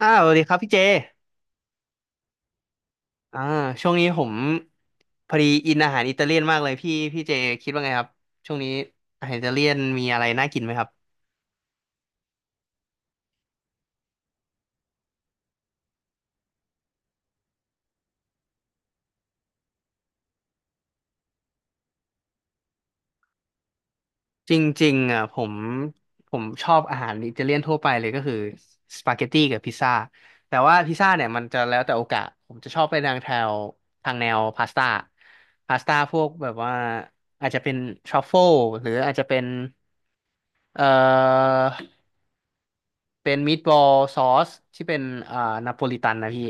อ้าวสวัสดีครับพี่เจอ่าช่วงนี้ผมพอดีอินอาหารอิตาเลียนมากเลยพี่เจคิดว่าไงครับช่วงนี้อาหารอิตาเลียนมีอะไรน่ากินไหมครับจริงๆอ่ะผมชอบอาหารอิตาเลียนทั่วไปเลยก็คือสปาเกตตี้กับพิซซ่าแต่ว่าพิซซ่าเนี่ยมันจะแล้วแต่โอกาสผมจะชอบไปทางแถวทางแนวพาสต้าพวกแบบว่าอาจจะเป็นทรัฟเฟิลหรืออาจจะเป็นเอ่อ เป็นมีดบอลซอสที่เป็นอ่านาโปลิตันนะพี่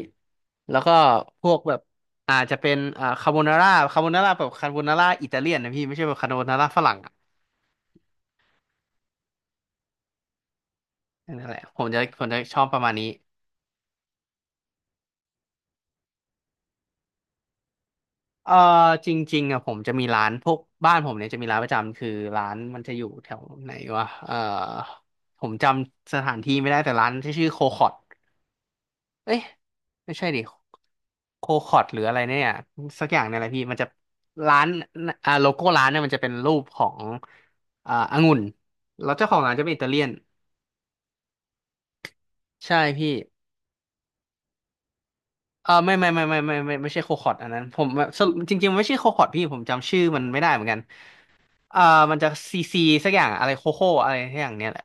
แล้วก็พวกแบบอาจจะเป็นคาโบนาร่าคาโบนาร่าแบบคาโบนาร่าอิตาเลียนนะพี่ไม่ใช่แบบคาโบนาร่าฝรั่งอะนั่นแหละผมจะชอบประมาณนี้เอ่อจริงๆอ่ะผมจะมีร้านพวกบ้านผมเนี่ยจะมีร้านประจำคือร้านมันจะอยู่แถวไหนวะผมจำสถานที่ไม่ได้แต่ร้านที่ชื่อโคคอต เอ้ยไม่ใช่ดิโคคอร์ดหรืออะไรเนี่ยสักอย่างเนี่ยแหละพี่มันจะร้านโลโก้ร้านเนี่ยมันจะเป็นรูปขององุ่นแล้วเจ้าของร้านจะเป็นอิตาเลียนใช่พี่เออไม่ไม่ไม่ไม่ไม่ไม่ไม่ไม่ใช่โคคอร์ดอันนั้นผมสรุปจริงๆมันไม่ใช่โคคอร์ดพี่ผมจำชื่อมันไม่ได้เหมือนกันเอ่อมันจะซีซีสักอย่างอะไรโคโค่อะไรสักอย่างเนี้ยแหละ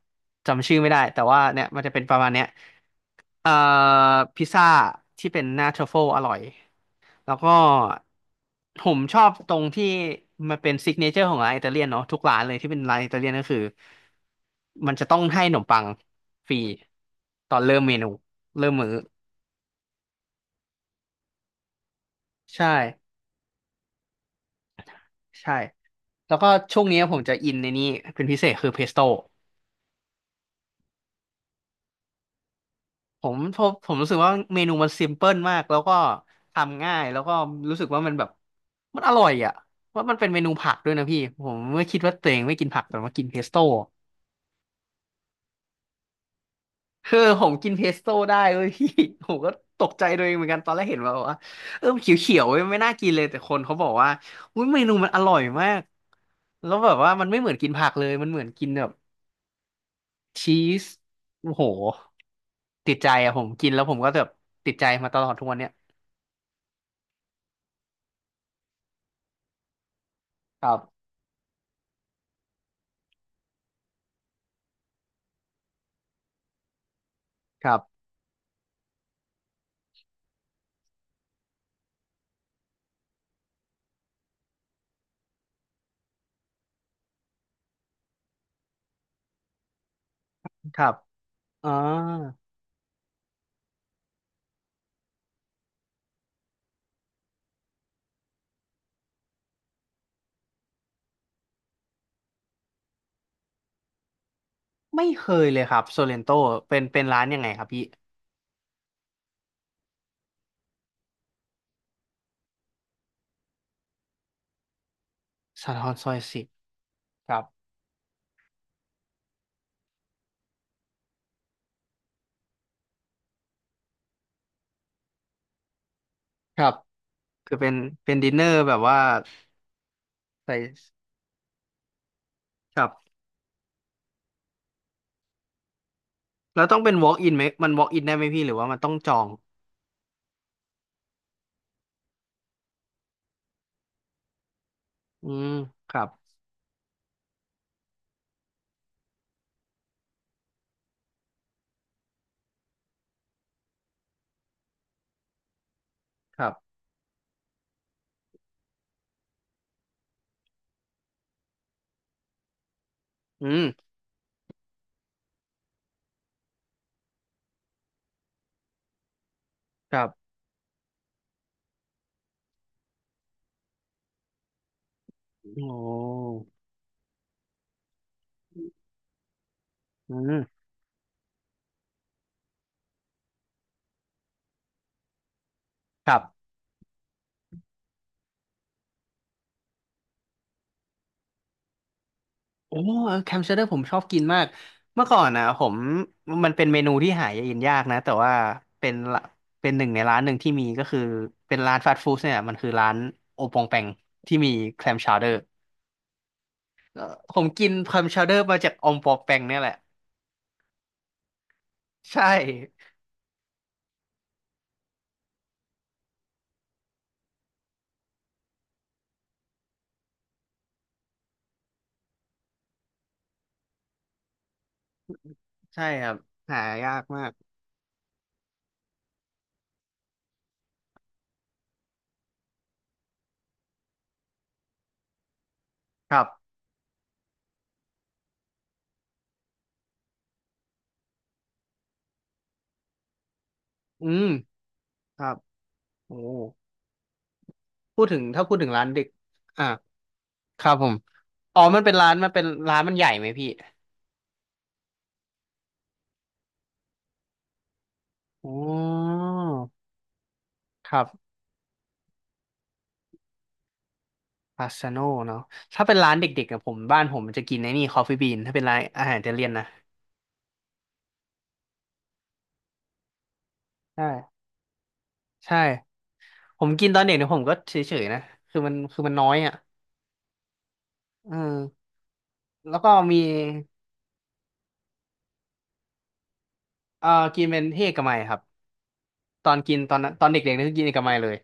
จำชื่อไม่ได้แต่ว่าเนี่ยมันจะเป็นประมาณเนี้ยเอ่อพิซซ่าที่เป็นหน้าทรัฟเฟิลอร่อย แล้วก็ผมชอบตรงที่มันเป็นซิกเนเจอร์ของร้านอิตาเลียนเนาะทุกร้านเลยที่เป็นร้านอิตาเลียนก็คือมันจะต้องให้ขนมปังฟรีตอนเริ่มเมนูเริ่มมื้อใช่ใช่แล้วก็ช่วงนี้ผมจะอินในนี้เป็นพิเศษคือเพสโต้ผมรู้สึกว่าเมนูมันซิมเพิลมากแล้วก็ทำง่ายแล้วก็รู้สึกว่ามันแบบมันอร่อยอ่ะว่าะมันเป็นเมนูผักด้วยนะพี่ผมไม่คิดว่าตัวเองไม่กินผักแต่ว่ากินเพสโต้ ผมกินเพสโต้ได้เว้ย พี่ ผมก็ตกใจตัวเองเหมือนกันตอนแรกเห็นมาบอกว่าเออมันเขียวๆเว้ยไม่น่ากินเลยแต่คนเขาบอกว่าอุ้ยเมนูมันอร่อยมากแล้วแบบว่ามันไม่เหมือนกินผักเลยมันเหมือนกินแบบชีสโอ้โหติดใจอะผมกินแล้วผมก็แบบติดใจมาตลอดทุกวันเนี้ยครับครับครับอ่าไม่เคยเลยครับโซเลนโตเป็นเป็นร้านยังไงครับพี่สะท้อนซอย 10ครับครับคือเป็นดินเนอร์แบบว่าใส่ครับ แล้วต้องเป็น walk in ไหมมัน walk in ได้ไหมพี่หรือว่ามันต้องจอง อืมครับ ครับ อืมครับ โอ้อืมครับ โอ้แคมเชอร์เดอร์ผมชอบกินมากเมื่อก่อนนะผมมันเป็นเมนูที่หากินยากนะ แต่ว่าเป็นละเป็นหนึ่งในร้านหนึ่งที่มีก็คือเป็นร้านฟาสต์ฟู้ดเนี่ยมันคือร้านโอปองแปงที่มีแคมชาวเดอร์เอ่อผมกินแคมชาวเดอร์มาจากอองปองแปงเนี่ยแหละ ใช่ ใช่ครับหายากมากครับอืมครับโอ้ พูดถึงถ้าพูดถึงร้านเด็กอ่ะครับผมอ๋อมันเป็นร้านมันใหญ่ไหมพี่อ๋อครับพาสซาโนเนาะถ้าเป็นร้านเด็กๆกับผมบ้านผมมันจะกินไอ้นี่คอฟฟี่บีนถ้าเป็นร้านอาหารอิตาเลียนนะใช่ใช่ผมกินตอนเด็กเนี่ยผมก็เฉยๆนะคือมันน้อยอ่ะเออแล้วก็มีเอ่อกินเป็นเฮกมัยครับ ตอนกินตอนนั้นตอนเด็กๆเนี่ยคือกินเอกมัยเลย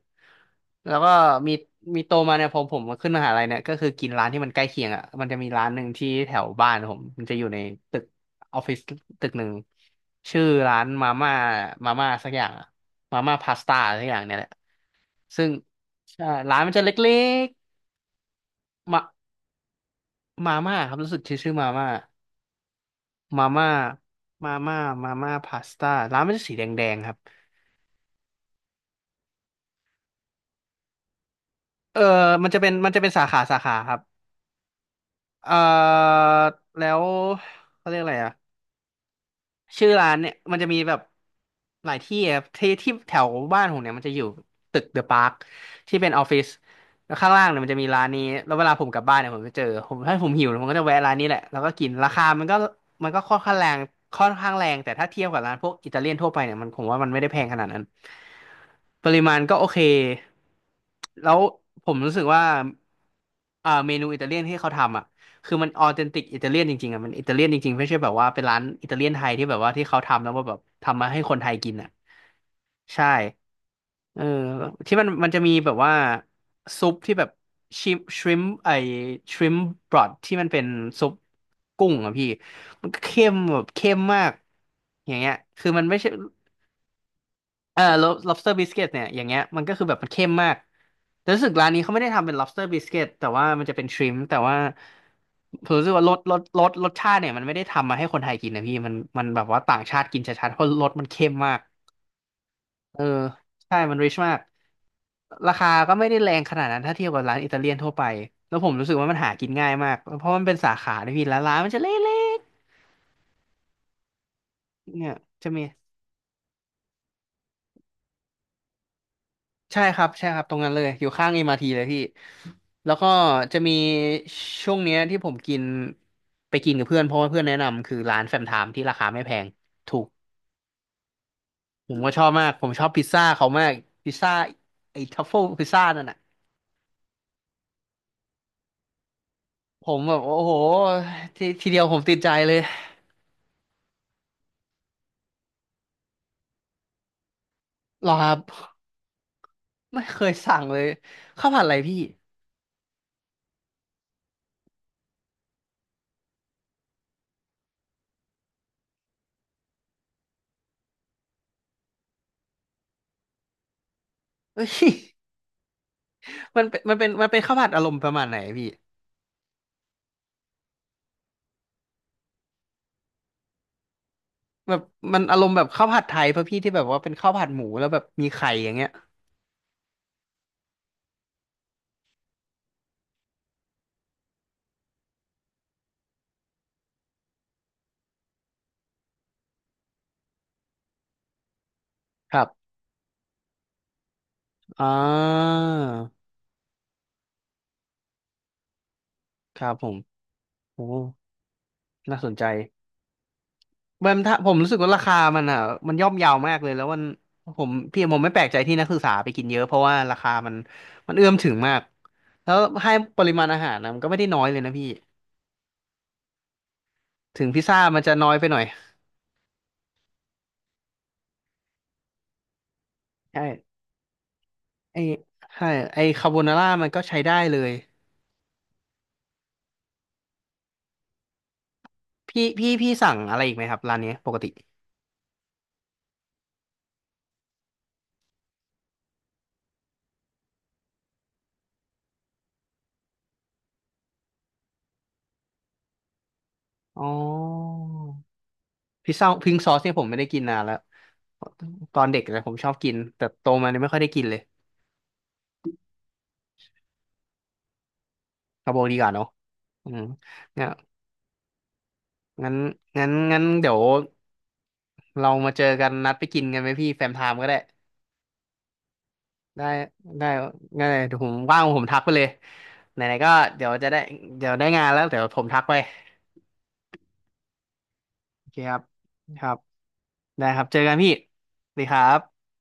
แล้วก็มีมีโตมาเนี่ยพอผมมาขึ้นมหาลัยเนี่ยก็คือกินร้านที่มันใกล้เคียงอ่ะมันจะมีร้านหนึ่งที่แถวบ้านผมมันจะอยู่ในตึกออฟฟิศตึกหนึ่งชื่อร้านมาม่ามาม่าสักอย่างอะมาม่าพาสต้าสักอย่างเนี่ยแหละซึ่งใช่ร้านมันจะเล็กๆมามาม่าครับรู้สึกชื่อมาม่ามาม่ามาม่าพาสต้าร้านมันจะสีแดงๆครับเออมันจะเป็นสาขาสาขาครับ เอ่อแล้วเขาเรียกอะไรอ่ะชื่อร้านเนี่ยมันจะมีแบบหลายที่อะที่ที่แถวบ้านผมเนี่ยมันจะอยู่ตึกเดอะปาร์คที่เป็นออฟฟิศแล้วข้างล่างเนี่ยมันจะมีร้านนี้แล้วเวลาผมกลับบ้านเนี่ยผมจะเจอผมถ้าผมหิวผมก็จะแวะร้านนี้แหละแล้วก็กินราคามันก็ค่อนข้างแรงค่อนข้างแรงแต่ถ้าเทียบกับร้านพวกอิตาเลียนทั่วไปเนี่ยมันผมว่ามันไม่ได้แพงขนาดนั้นปริมาณก็โอเคแล้วผมรู้สึกว่าเมนูอิตาเลียนที่เขาทำอ่ะ คือมันออเทนติกอิตาเลียนจริงๆอ่ะมันอิตาเลียนจริงๆไม่ใช่แบบว่าเป็นร้านอิตาเลียนไทยที่แบบว่าที่เขาทำแล้วว่าแบบทำมาให้คนไทยกินอ่ะใช่เออที่มันจะมีแบบว่าซุปที่แบบชิมชริมไอชริมบรอดที่มันเป็นซุปกุ้งอ่ะพี่มันก็เข้มแบบเข้มมากอย่างเงี้ยคือมันไม่ใช่ lobster biscuit เนี่ยอย่างเงี้ยมันก็คือแบบมันเข้มมากแต่รู้สึกร้านนี้เขาไม่ได้ทำเป็น lobster biscuit แต่ว่ามันจะเป็น shrimp แต่ว่าผมรู้สึกว่ารสชาติเนี่ยมันไม่ได้ทำมาให้คนไทยกินนะพี่มันแบบว่าต่างชาติกินชัดๆเพราะรสมันเข้มมากเออใช่มัน rich มากราคาก็ไม่ได้แรงขนาดนั้นถ้าเทียบกับร้านอิตาเลียนทั่วไปแล้วผมรู้สึกว่ามันหากินง่ายมากเพราะมันเป็นสาขาด้วยพี่แล้วร้านมันจะเล็กๆเนี่ยจะมี ใช่ครับใช่ครับตรงนั้นเลยอยู่ข้าง MRT เลยพี่แล้วก็จะมีช่วงเนี้ยที่ผมกินไปกินกับเพื่อนเพราะว่าเพื่อนแนะนำคือร้านแฟมไทม์ที่ราคาไม่แพงถูกผมก็ชอบมากผมชอบพิซซ่าเขามากพิซซ่าไอ้ทัฟเฟิลพิซซ่านั่นน่ะผมแบบโอ้โหทีเดียวผมติดใจเลยหรอครับไม่เคยสั่งเลยข้าวผัดอะไรพี่เอ้ย มันเป็นข้าวผัดอารมณ์ประมาณไหนพี่แบบมันอารมณ์แบบข้าวผัดไทยป่ะพี่ที่แบบว่าเป็นข้าวผัดหมูแล้วแบบมีไข่อย่างเงี้ย ครับอ่าครับผมโอ้น่าสนใจมันถ้าผมรู้สึกว่าราคามันอ่ะมันย่อมเยาวมากเลยแล้วมันผมพี่ผมไม่แปลกใจที่นักศึกษาไปกินเยอะเพราะว่าราคามันเอื้อมถึงมาก แล้วให้ปริมาณอาหารนะมันก็ไม่ได้น้อยเลยนะพี่ ถึงพิซซ่ามันจะน้อยไปหน่อยใช่ไอใช่ไอคาโบนาร่ามันก็ใช้ได้เลยพี่สั่งอะไรอีกไหมครับร้านเนี้ยปกติอ๋อพิซซ่าพิงซอสเนี่ยผมไม่ได้กินนานแล้ว ตอนเด็กนะผมชอบกินแต่โตมาเนี่ยไม่ค่อยได้กินเลยเอาบอกดีกว่าเนาะอืมเนี่ยงั้นงั้นเดี๋ยวเรามาเจอกันนัดไปกินกันไหมพี่แฟมไทม์ก็ได้ได้ได้ได้เดี๋ยวผมว่างผมทักไปเลยไหนๆก็เดี๋ยวจะได้เดี๋ยวได้งานแล้วเดี๋ยวผมทักไปโอเคครับครับได้ครับเจอกันพี่สวัสดีครับ